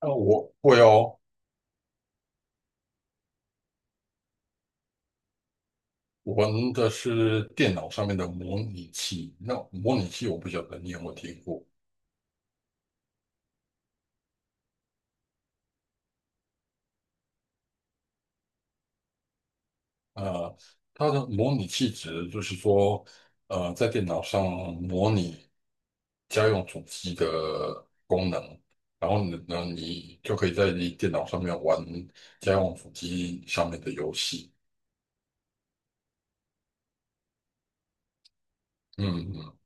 我会哦。我玩的是电脑上面的模拟器。那模拟器我不晓得你有没有听过？呃，它的模拟器指的就是说，在电脑上模拟家用主机的功能。然后呢，你就可以在你电脑上面玩家用主机上面的游戏。嗯，嗯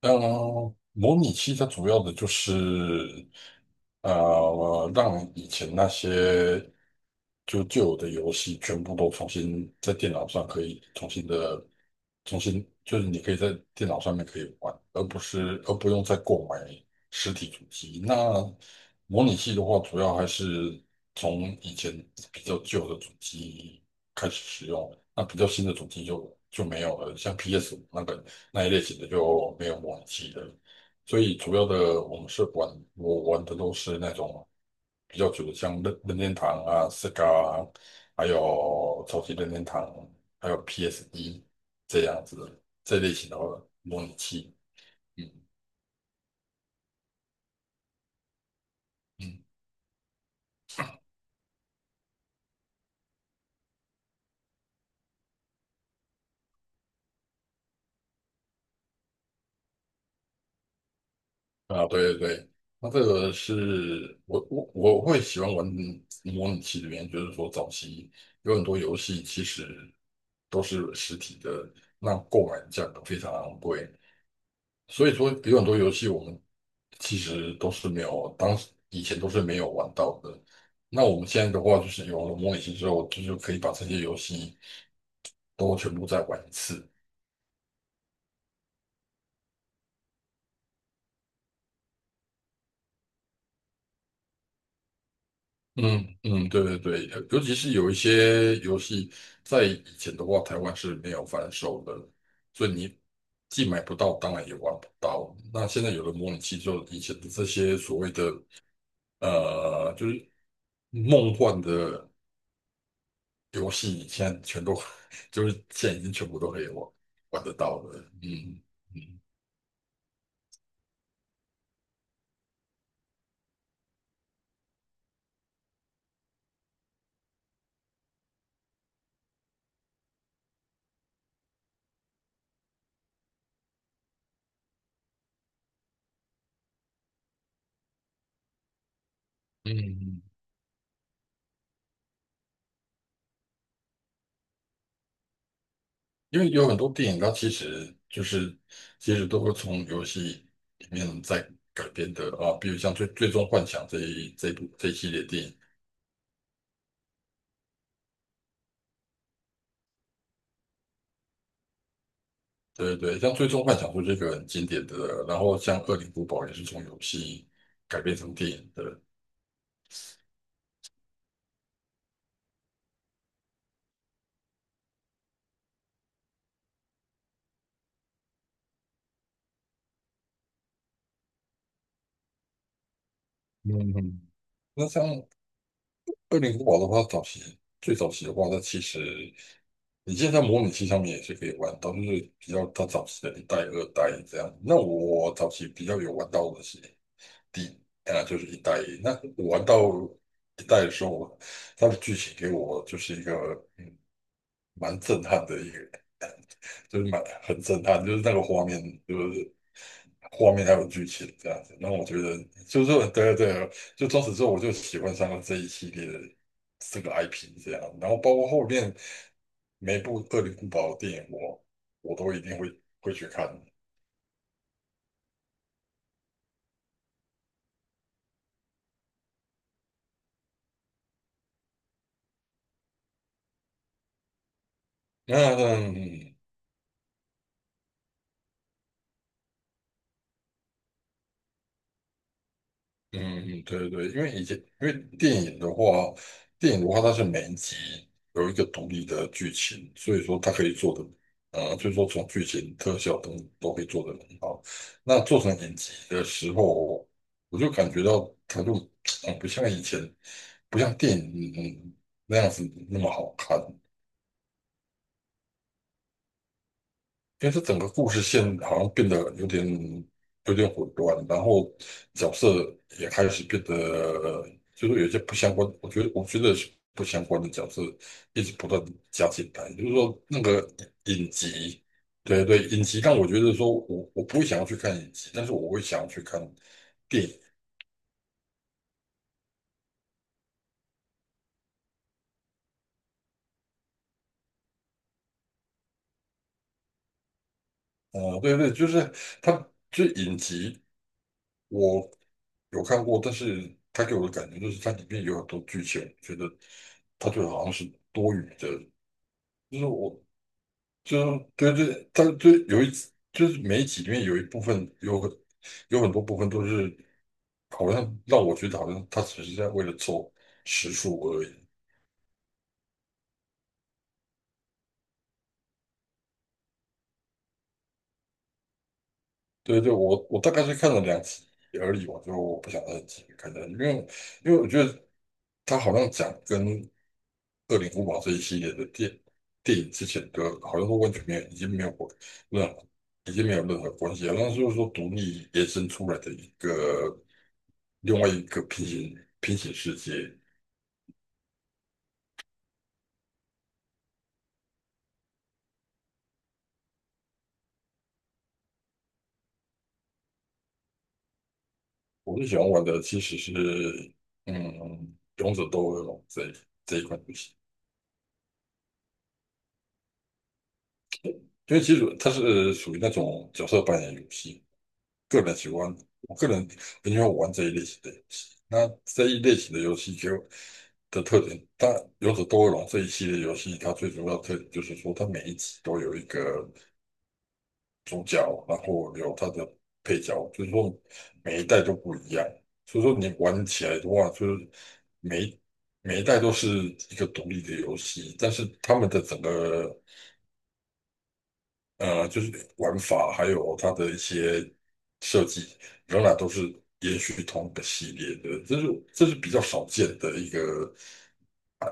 呃，模拟器它主要的就是，让以前那些就旧有的游戏全部都重新在电脑上可以重新，就是你可以在电脑上面可以玩，而不用再购买实体主机。那模拟器的话，主要还是从以前比较旧的主机开始使用，那比较新的主机就没有了，像 PS5那个。那一类型的就没有模拟器的，所以主要的我们是玩，我玩的都是那种比较久的，像任天堂啊、Sega 啊，还有早期任天堂，还有 PSD 这样子的这类型的模拟器。嗯嗯。啊，对对对，那这个是我会喜欢玩模拟器的原因，就是说早期有很多游戏其实都是实体的，那购买价格非常昂贵。所以说有很多游戏我们其实都是没有，当时以前都是没有玩到的。那我们现在的话，就是有了模拟器之后，就是可以把这些游戏都全部再玩一次。嗯嗯，对对对，尤其是有一些游戏在以前的话，台湾是没有贩售的，所以你既买不到，当然也玩不到。那现在有了模拟器之后，以前的这些所谓的就是梦幻的。游戏现在全都 就是现在已经全部都可以玩得到了。嗯嗯，因为有很多电影它其实就是都会从游戏里面再改编的啊。比如像《最终幻想》这一系列电影，对对像《最终幻想》就这个很经典的，然后像《恶灵古堡》也是从游戏改编成电影的。嗯，嗯那像二零古堡的话，最早期的话，它其实你现在模拟器上面也是可以玩到，就是比较它早期的一代、二代这样。那我早期比较有玩到的是第就是一代。那我玩到一代的时候，它的剧情给我就是一个嗯蛮震撼的一个，就是蛮很震撼，就是那个画面，就是画面还有剧情这样子。那我觉得，就是说，对对，就从此之后我就喜欢上了这一系列的这个 IP 这样。然后包括后面每部《恶灵古堡》的电影我都一定会去看。那嗯。嗯，嗯对对，因为以前因为电影的话，电影的话它是每一集有一个独立的剧情，所以说它可以做的，所以说从剧情、特效等都可以做得很好。那做成影集的时候，我就感觉到它就，不像以前，不像电影，嗯那样子那么好看。因为它整个故事线好像变得有点混乱，然后角色也开始变得就是有一些不相关，我觉得是不相关的角色一直不断地加进来，就是说那个影集，对对，影集但我觉得说我不会想要去看影集，但是我会想要去看电影，对对，就是它就是影集。我有看过，但是它给我的感觉就是它里面有很多剧情，我觉得它就好像是多余的。就是我，就是对对，它就有一，就是每一集里面有一部分有很多部分都是好像让我觉得好像它只是在为了凑时数而已。对对，我大概是看了两集而已，我就不想再继续看下去，因为我觉得他好像讲跟《恶灵古堡》这一系列的电影之前的，好像都完全没有，任何已经没有任何关系了。那就是说独立延伸出来的一个另外一个平行世界。我最喜欢玩的其实是嗯《勇者斗恶龙》这一款游戏，因为其实它是属于那种角色扮演游戏。个人喜欢，我个人很喜欢玩这一类型的游戏。那这一类型的游戏就的特点，但有者斗恶龙这一系列游戏，它最主要的特点就是说，它每一集都有一个主角，然后有它的配角，所以说每一代都不一样。所以说你玩起来的话，就是每一每一代都是一个独立的游戏，但是他们的整个就是玩法还有它的一些设计，仍然都是延续同一个系列的，这是比较少见的一个 I-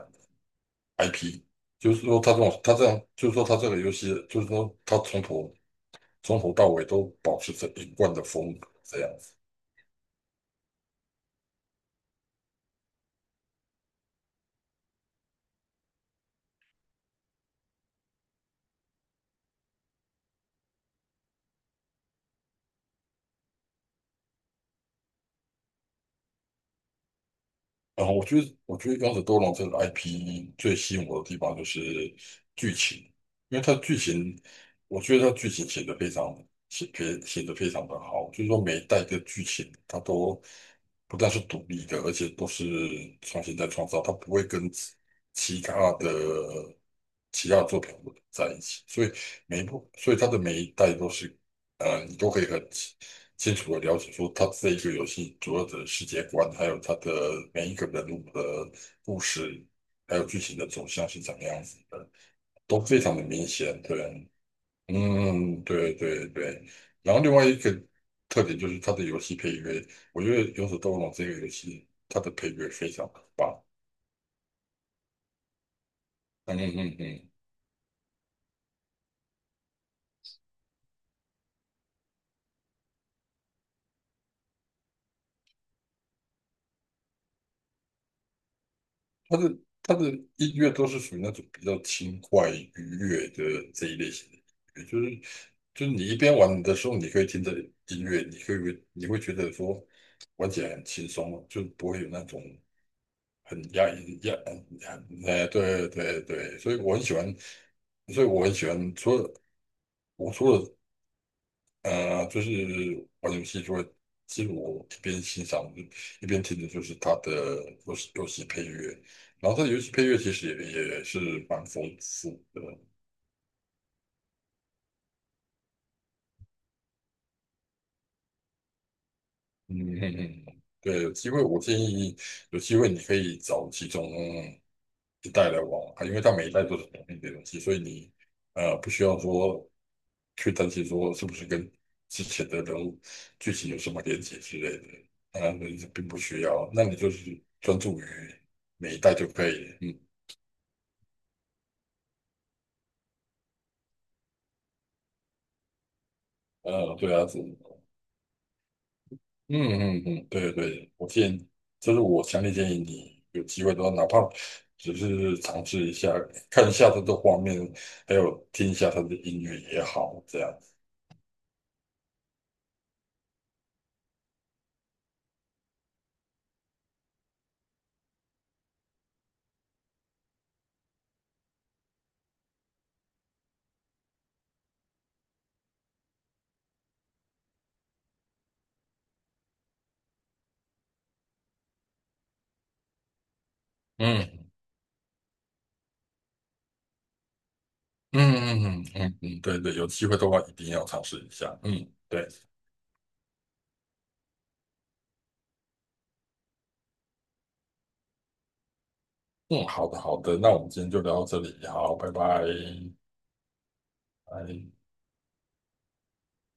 IP。就是说，它这种它这样，就是说它这个游戏，就是说它从头到尾都保持着一贯的风格，这样。然后我觉得，刚才多龙》这个 IP 最吸引我的地方就是剧情，因为它的剧情，我觉得它剧情写得非常写写写得非常的好，就是说每一代的剧情它都不但是独立的，而且都是重新再创造，它不会跟其他的其他作品混在一起，所以每一部，所以它的每一代都是，你都可以很清楚的了解说它这一个游戏主要的世界观，还有它的每一个人物的故事，还有剧情的走向是怎么样子的，都非常的明显。对，嗯，对对对。然后另外一个特点就是它的游戏配乐，我觉得《勇者斗恶龙》这个游戏它的配乐非常的棒。嗯嗯嗯。他的音乐都是属于那种比较轻快愉悦的这一类型的音乐，就是你一边玩的时候，你可以听着音乐，你可以你会觉得说玩起来很轻松啊，就不会有那种很压抑压很哎，对对对，所以我很喜欢，所以我很喜欢，除了除了就是玩游戏就会，其实我一边欣赏一边听的就是它的游戏配乐，然后它的游戏配乐其实也是蛮丰富的。嗯嗯嗯，对，有机会我建议有机会你可以找其中一代来玩玩看因为它每一代都是同一的东西，所以你不需要说去担心说是不是跟之前的人物剧情有什么连接之类的。当然，你并不需要，那你就是专注于每一代就可以了。嗯，对啊，是嗯嗯嗯，对对我建议，这是我强烈建议你有机会的话，哪怕只是尝试一下，看一下它的画面，还有听一下他的音乐也好，这样。嗯嗯嗯嗯嗯嗯，对对，有机会的话一定要尝试一下。嗯，对。嗯，好的，好的，那我们今天就聊到这里，好，拜拜，拜。